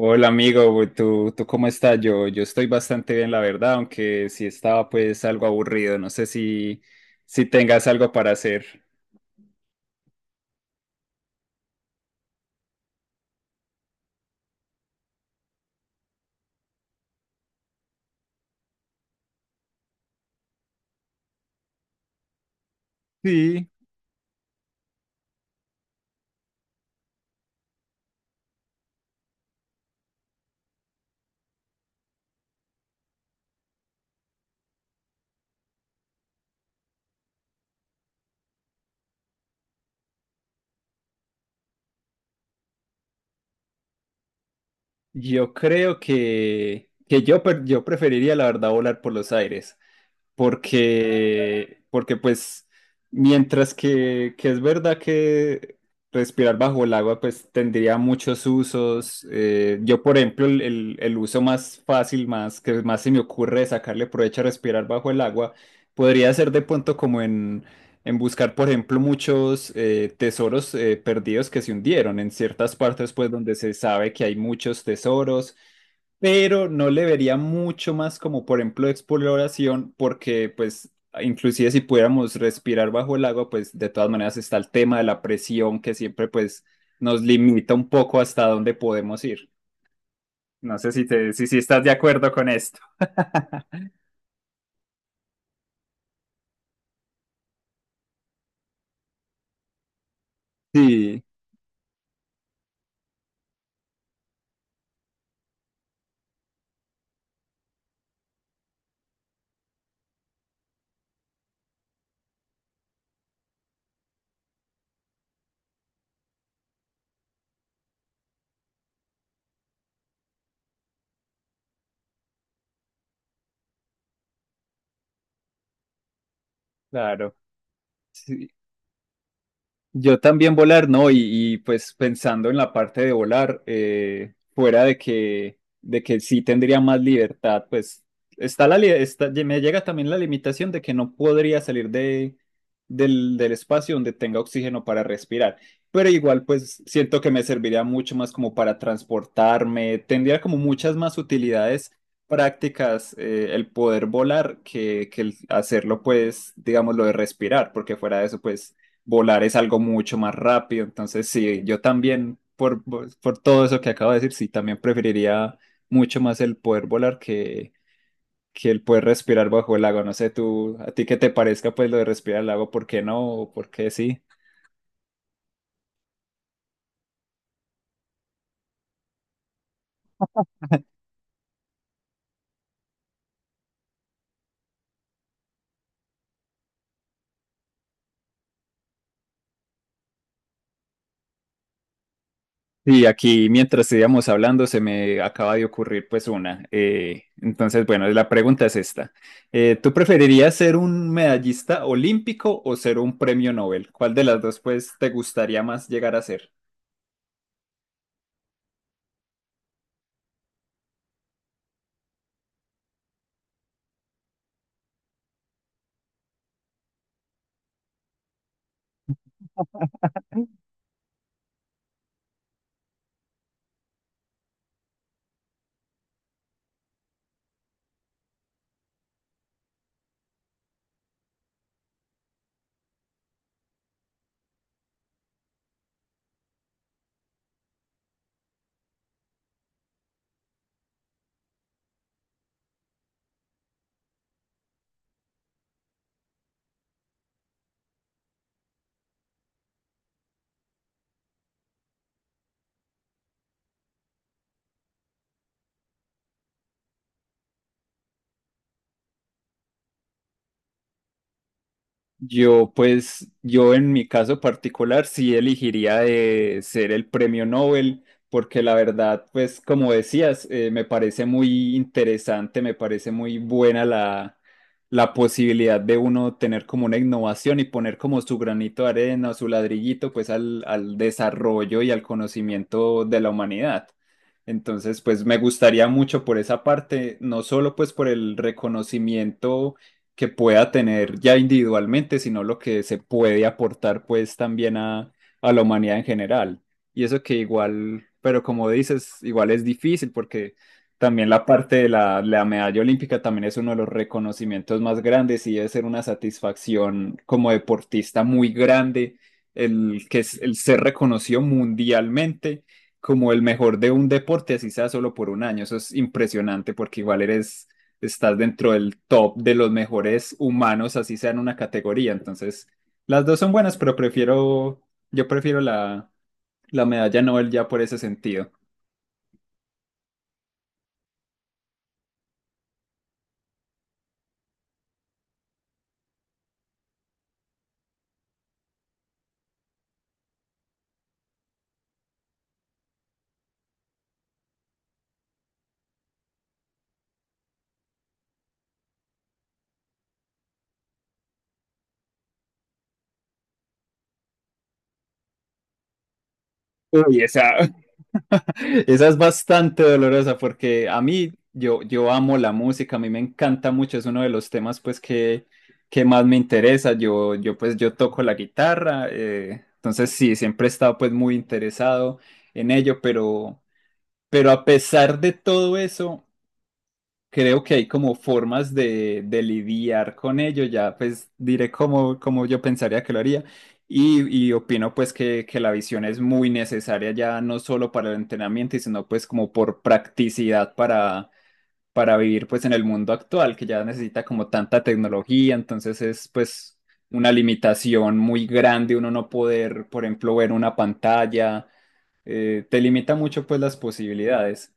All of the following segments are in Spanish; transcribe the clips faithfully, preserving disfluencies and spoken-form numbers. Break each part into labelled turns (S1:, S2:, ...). S1: Hola amigo, ¿tú, tú cómo estás? Yo, yo estoy bastante bien, la verdad, aunque sí estaba pues algo aburrido. No sé si, si tengas algo para hacer. Sí, yo creo que, que yo, pre- yo preferiría, la verdad, volar por los aires, porque, porque pues mientras que, que es verdad que respirar bajo el agua pues tendría muchos usos. Eh, yo por ejemplo el, el- el uso más fácil, más que más se me ocurre de sacarle provecho a respirar bajo el agua, podría ser de pronto como en, en buscar por ejemplo muchos eh, tesoros eh, perdidos que se hundieron en ciertas partes pues donde se sabe que hay muchos tesoros, pero no le vería mucho más como, por ejemplo, exploración, porque pues inclusive si pudiéramos respirar bajo el agua, pues de todas maneras está el tema de la presión que siempre pues nos limita un poco hasta dónde podemos ir. No sé si te, si, si estás de acuerdo con esto. Sí, claro. Sí. Yo también volar, ¿no? Y, y, pues pensando en la parte de volar, eh, fuera de que, de que sí tendría más libertad, pues está la, li- está, me llega también la limitación de que no podría salir de, del, del espacio donde tenga oxígeno para respirar. Pero igual, pues siento que me serviría mucho más como para transportarme, tendría como muchas más utilidades prácticas, eh, el poder volar que, que el hacerlo, pues, digamos, lo de respirar, porque fuera de eso, pues volar es algo mucho más rápido. Entonces, sí, yo también, por, por por todo eso que acabo de decir, sí, también preferiría mucho más el poder volar que, que el poder respirar bajo el agua. No sé, tú, a ti qué te parezca pues lo de respirar el agua, ¿por qué no? ¿O ¿Por qué sí? Y aquí, mientras estábamos hablando, se me acaba de ocurrir pues una. Eh, entonces, bueno, la pregunta es esta. Eh, ¿tú preferirías ser un medallista olímpico o ser un premio Nobel? ¿Cuál de las dos pues te gustaría más llegar a ser? Yo, pues, yo en mi caso particular sí elegiría de ser el premio Nobel, porque la verdad, pues, como decías, eh, me parece muy interesante, me parece muy buena la, la posibilidad de uno tener como una innovación y poner como su granito de arena, su ladrillito, pues, al, al desarrollo y al conocimiento de la humanidad. Entonces, pues, me gustaría mucho por esa parte, no solo pues por el reconocimiento que pueda tener ya individualmente, sino lo que se puede aportar pues también a, a la humanidad en general. Y eso que igual, pero como dices, igual es difícil porque también la parte de la, la medalla olímpica también es uno de los reconocimientos más grandes y debe ser una satisfacción como deportista muy grande el que es el ser reconocido mundialmente como el mejor de un deporte, así sea solo por un año. Eso es impresionante porque igual eres estás dentro del top de los mejores humanos, así sea en una categoría. Entonces, las dos son buenas, pero prefiero, yo prefiero la, la medalla Nobel ya por ese sentido. Uy, esa, esa es bastante dolorosa porque a mí, yo, yo amo la música, a mí me encanta mucho, es uno de los temas pues que, que más me interesa. Yo, yo pues yo toco la guitarra, eh, entonces sí, siempre he estado pues muy interesado en ello, pero, pero a pesar de todo eso, creo que hay como formas de, de lidiar con ello, ya pues diré cómo, cómo yo pensaría que lo haría, y, y opino pues que, que la visión es muy necesaria ya no solo para el entrenamiento, y sino pues como por practicidad para, para vivir pues en el mundo actual que ya necesita como tanta tecnología, entonces es pues una limitación muy grande uno no poder, por ejemplo, ver una pantalla. Eh, te limita mucho pues las posibilidades.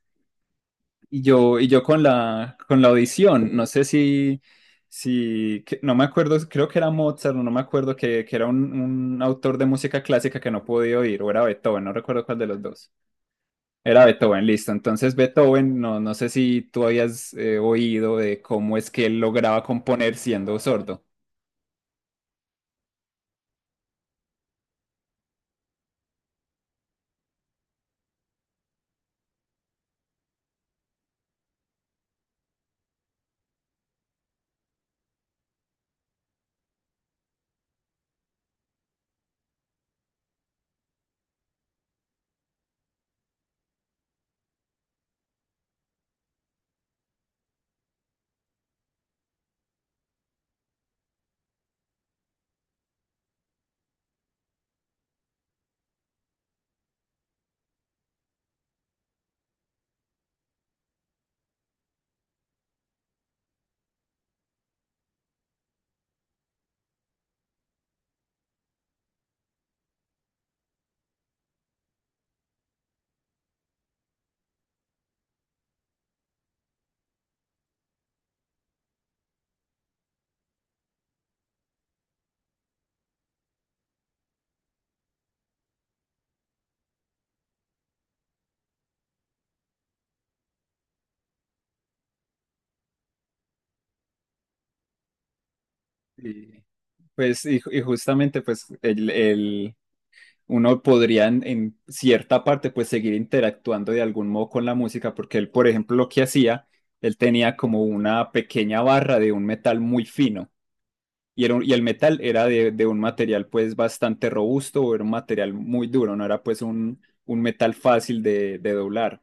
S1: Y yo, y yo con la, con la audición, no sé si, si que- no me acuerdo, creo que era Mozart, o no me acuerdo que, que era un, un autor de música clásica que no podía oír, o era Beethoven, no recuerdo cuál de los dos. Era Beethoven, listo. Entonces Beethoven, no, no sé si tú habías eh, oído de cómo es que él lograba componer siendo sordo. Y, pues, y, y justamente, pues, el, uno podría en, en cierta parte pues seguir interactuando de algún modo con la música, porque él, por ejemplo, lo que hacía, él tenía como una pequeña barra de un metal muy fino. Y, era un- y el metal era de, de un material pues bastante robusto, era un material muy duro, no era pues un, un metal fácil de, de doblar.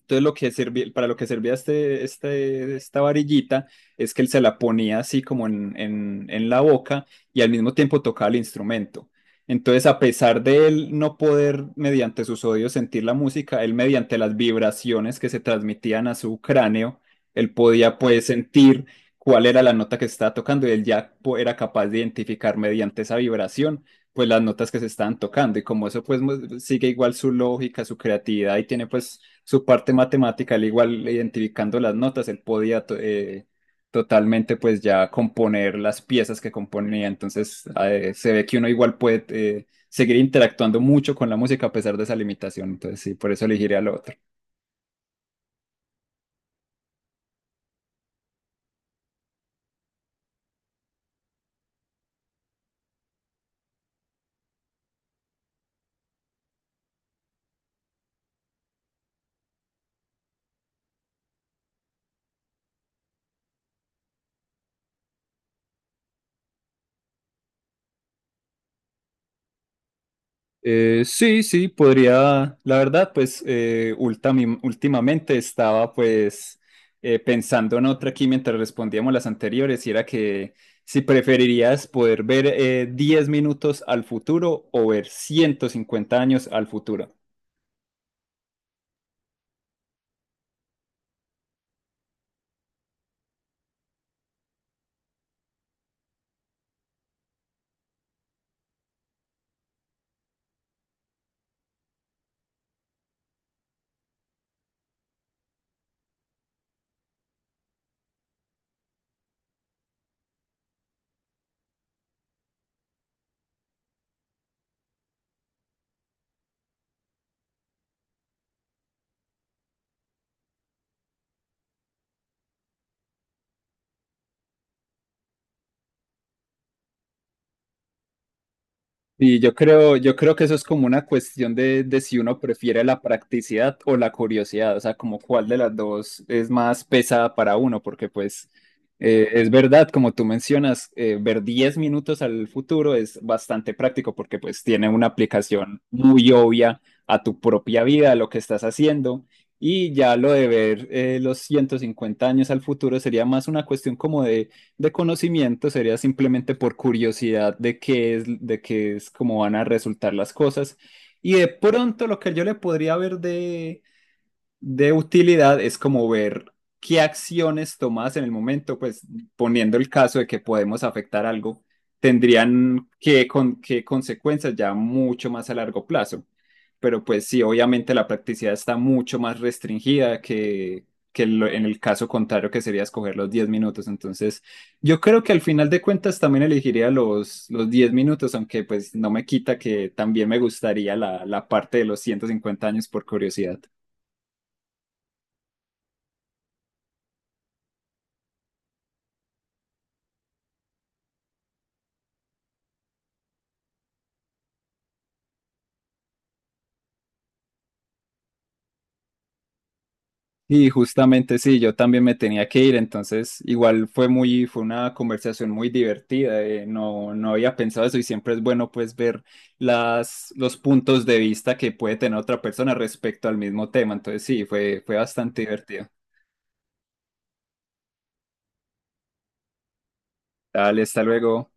S1: Entonces, lo que servía, para lo que servía este, este, esta varillita es que él se la ponía así como en, en, en la boca y al mismo tiempo tocaba el instrumento. Entonces, a pesar de él no poder mediante sus oídos sentir la música, él mediante las vibraciones que se transmitían a su cráneo, él podía pues sentir cuál era la nota que estaba tocando y él ya po- era capaz de identificar mediante esa vibración pues las notas que se estaban tocando, y como eso pues mu- sigue igual su lógica, su creatividad y tiene pues su parte matemática, al igual identificando las notas, él podía to- eh, totalmente pues ya componer las piezas que componía. Entonces, eh, se ve que uno igual puede eh, seguir interactuando mucho con la música a pesar de esa limitación. Entonces sí, por eso elegiré al otro. Eh, sí, sí, podría, la verdad, pues eh, ultami- últimamente estaba pues eh, pensando en otra aquí mientras respondíamos las anteriores y era que si preferirías poder ver eh, diez minutos al futuro o ver ciento cincuenta años al futuro. Y yo creo, yo creo que eso es como una cuestión de, de si uno prefiere la practicidad o la curiosidad, o sea, como cuál de las dos es más pesada para uno, porque pues eh, es verdad, como tú mencionas, eh, ver diez minutos al futuro es bastante práctico porque pues tiene una aplicación muy obvia a tu propia vida, a lo que estás haciendo, y ya lo de ver eh, los ciento cincuenta años al futuro sería más una cuestión como de de conocimiento, sería simplemente por curiosidad de qué es, de qué es cómo van a resultar las cosas. Y de pronto lo que yo le podría ver de, de utilidad es como ver qué acciones tomadas en el momento, pues poniendo el caso de que podemos afectar algo, tendrían que, con, qué consecuencias ya mucho más a largo plazo. Pero pues sí, obviamente la practicidad está mucho más restringida que, que lo- en el caso contrario que sería escoger los diez minutos. Entonces, yo creo que al final de cuentas también elegiría los, los diez minutos, aunque pues no me quita que también me gustaría la, la parte de los ciento cincuenta años por curiosidad. Y justamente sí, yo también me tenía que ir, entonces igual fue muy, fue una conversación muy divertida, eh, no, no había pensado eso y siempre es bueno pues ver las, los puntos de vista que puede tener otra persona respecto al mismo tema, entonces sí, fue, fue bastante divertido. Dale, hasta luego.